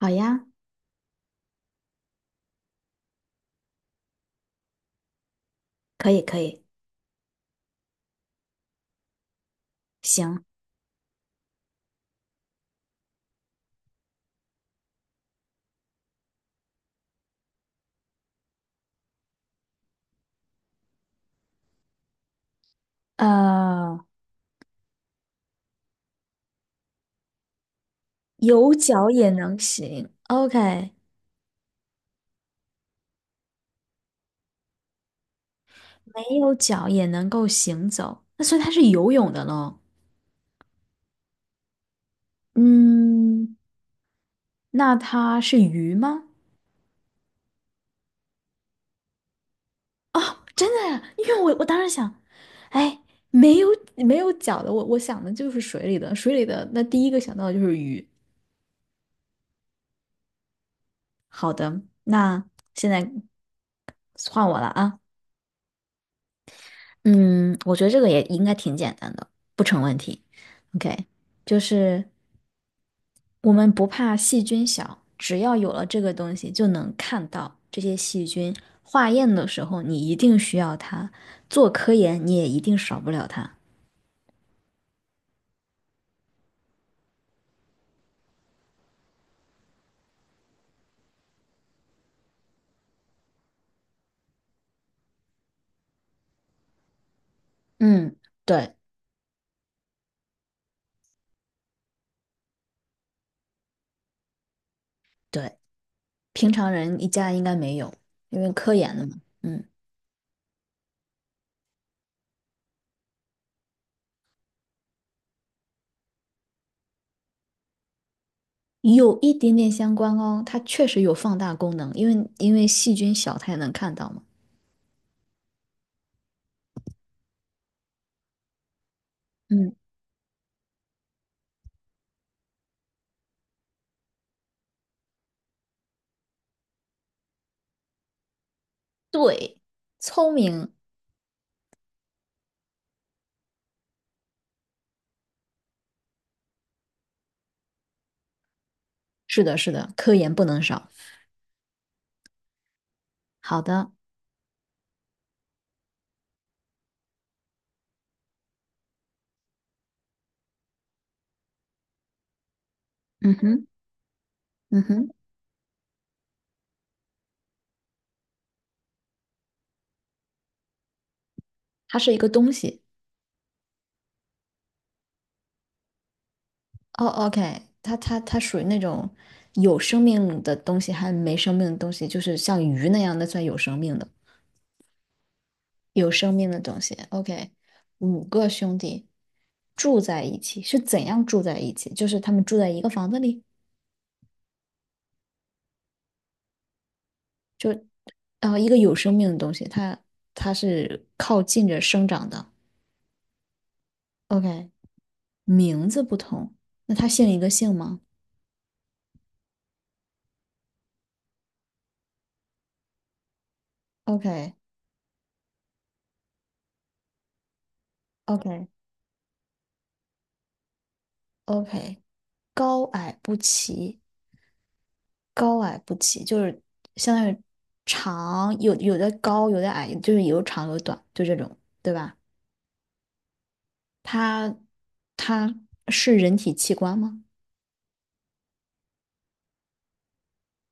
好呀，可以可以，行，呃，有脚也能行，OK，没有脚也能够行走，那所以它是游泳的喽。嗯，那它是鱼吗？哦，真的呀，因为我当时想，哎，没有没有脚的，我想的就是水里的，水里的，那第一个想到的就是鱼。好的，那现在换我了啊。嗯，我觉得这个也应该挺简单的，不成问题。OK，就是。我们不怕细菌小，只要有了这个东西，就能看到这些细菌。化验的时候，你一定需要它；做科研，你也一定少不了它。嗯，对对，平常人一家应该没有，因为科研的嘛。嗯，有一点点相关哦，它确实有放大功能，因为细菌小，它也能看到嘛。嗯，对，聪明，是的，是的，科研不能少。好的，嗯哼，嗯哼，它是一个东西。哦，OK，它属于那种有生命的东西，还没生命的东西，就是像鱼那样的算有生命的，有生命的东西。OK，五个兄弟住在一起，是怎样住在一起？就是他们住在一个房子里，然后一个有生命的东西，它是靠近着生长的。OK，名字不同，那他姓一个姓吗？OK，OK，OK，高矮不齐。高矮不齐，就是相当于长有的高，有的矮，就是有长有短，就这种，对吧？它它是人体器官吗？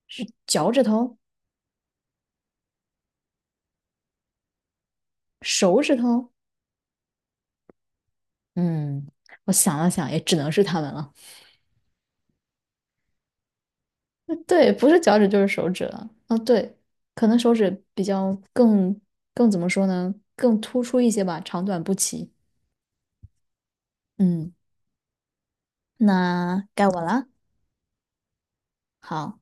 是脚趾头、手指头？嗯，我想了想，也只能是它们了。对，不是脚趾就是手指了。啊，对，可能手指比较更怎么说呢？更突出一些吧，长短不齐。嗯，那该我了。好，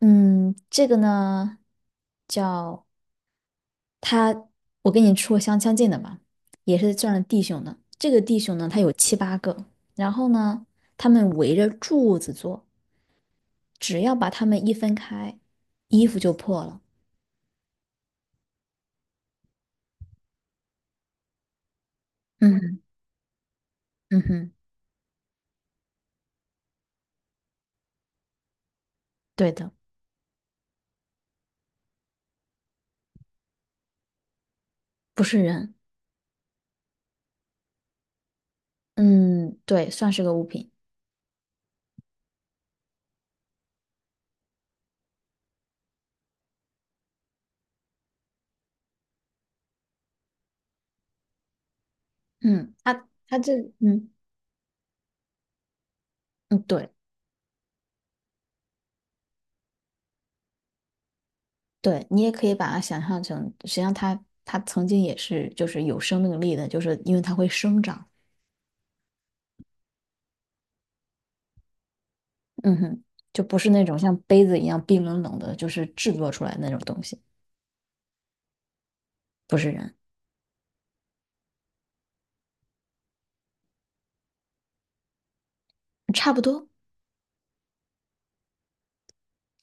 嗯，这个呢叫。他，我跟你说过相近的吧，也是算是弟兄的。这个弟兄呢，他有七八个，然后呢，他们围着柱子坐，只要把他们一分开，衣服就破了。嗯嗯哼，对的，不是人。嗯，对，算是个物品。嗯，他他这，嗯嗯，对对，你也可以把它想象成，实际上他曾经也是就是有生命力的，就是因为它会生长。嗯哼，就不是那种像杯子一样冰冷冷的，就是制作出来的那种东西，不是人，差不多。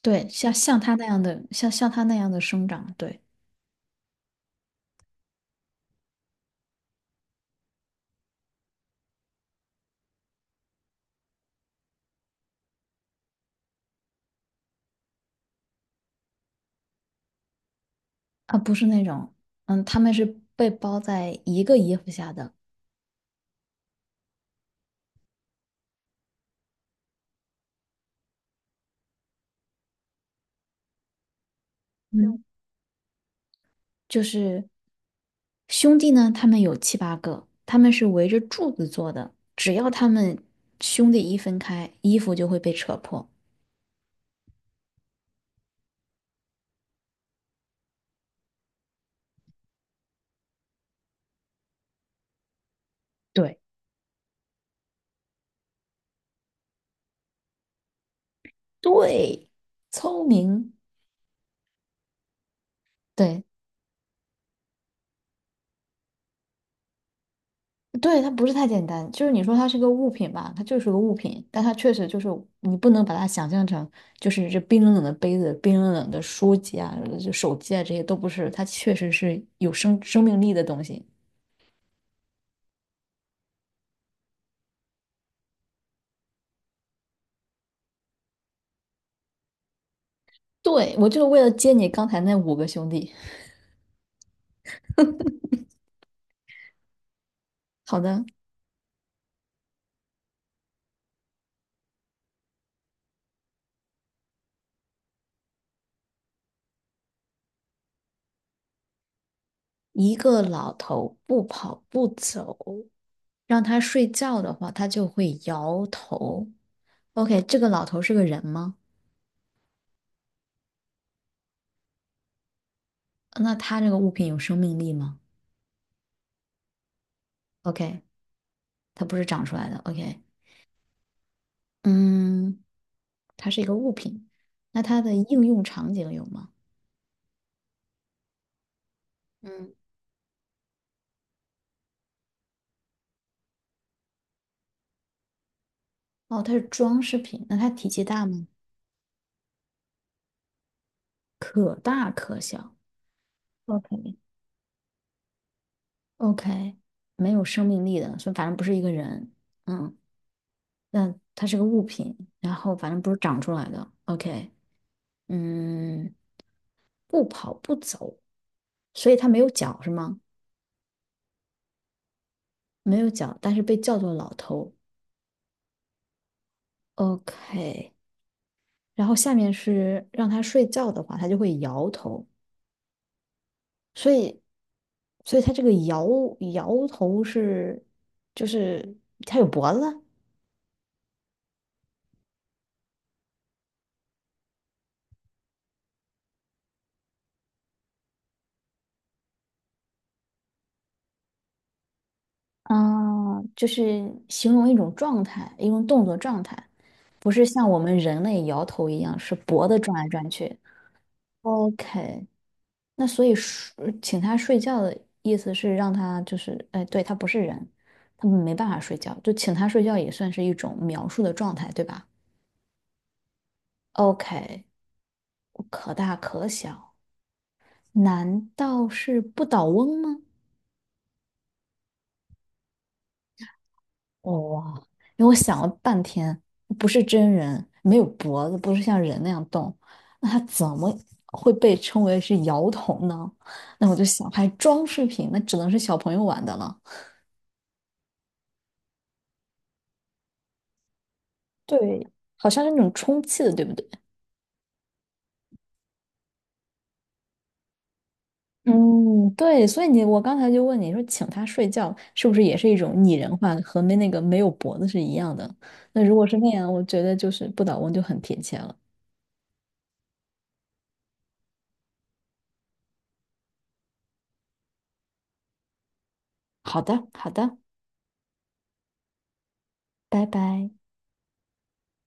对，像他那样的，像他那样的生长，对，啊，不是那种，嗯，他们是被包在一个衣服下的，嗯，就是兄弟呢，他们有七八个，他们是围着柱子做的，只要他们兄弟一分开，衣服就会被扯破。对，对，聪明，对，对，它不是太简单，就是你说它是个物品吧，它就是个物品，但它确实就是你不能把它想象成就是这冰冷冷的杯子、冰冷冷的书籍啊、就手机啊这些都不是，它确实是有生生命力的东西。对，我就是为了接你刚才那五个兄弟。好的，一个老头不跑不走，让他睡觉的话，他就会摇头。OK，这个老头是个人吗？那他这个物品有生命力吗？OK，它不是长出来的。OK，嗯，它是一个物品，那它的应用场景有吗？嗯哦，它是装饰品，那它体积大吗？可大可小。，OK，OK，没有生命力的，所以反正不是一个人。嗯，那它是个物品，然后反正不是长出来的。OK，嗯，不跑不走，所以它没有脚是吗？没有脚，但是被叫做老头。OK，然后下面是让它睡觉的话，它就会摇头。所以，所以它这个摇头是，就是它有脖子，啊，就是形容一种状态，一种动作状态，不是像我们人类摇头一样，是脖子转来转去。OK，那所以请他睡觉的意思是让他就是，哎，对，他不是人，他们没办法睡觉，就请他睡觉也算是一种描述的状态，对吧？OK，可大可小，难道是不倒翁吗？哦哇，因为我想了半天，不是真人，没有脖子，不是像人那样动，那它怎么会被称为是摇头呢？那我就想，还装饰品，那只能是小朋友玩的了。对，好像是那种充气的，对不对？嗯，对，所以你我刚才就问你说，请他睡觉是不是也是一种拟人化，和没那个没有脖子是一样的？那如果是那样，我觉得就是不倒翁就很贴切了。好的，好的，拜拜。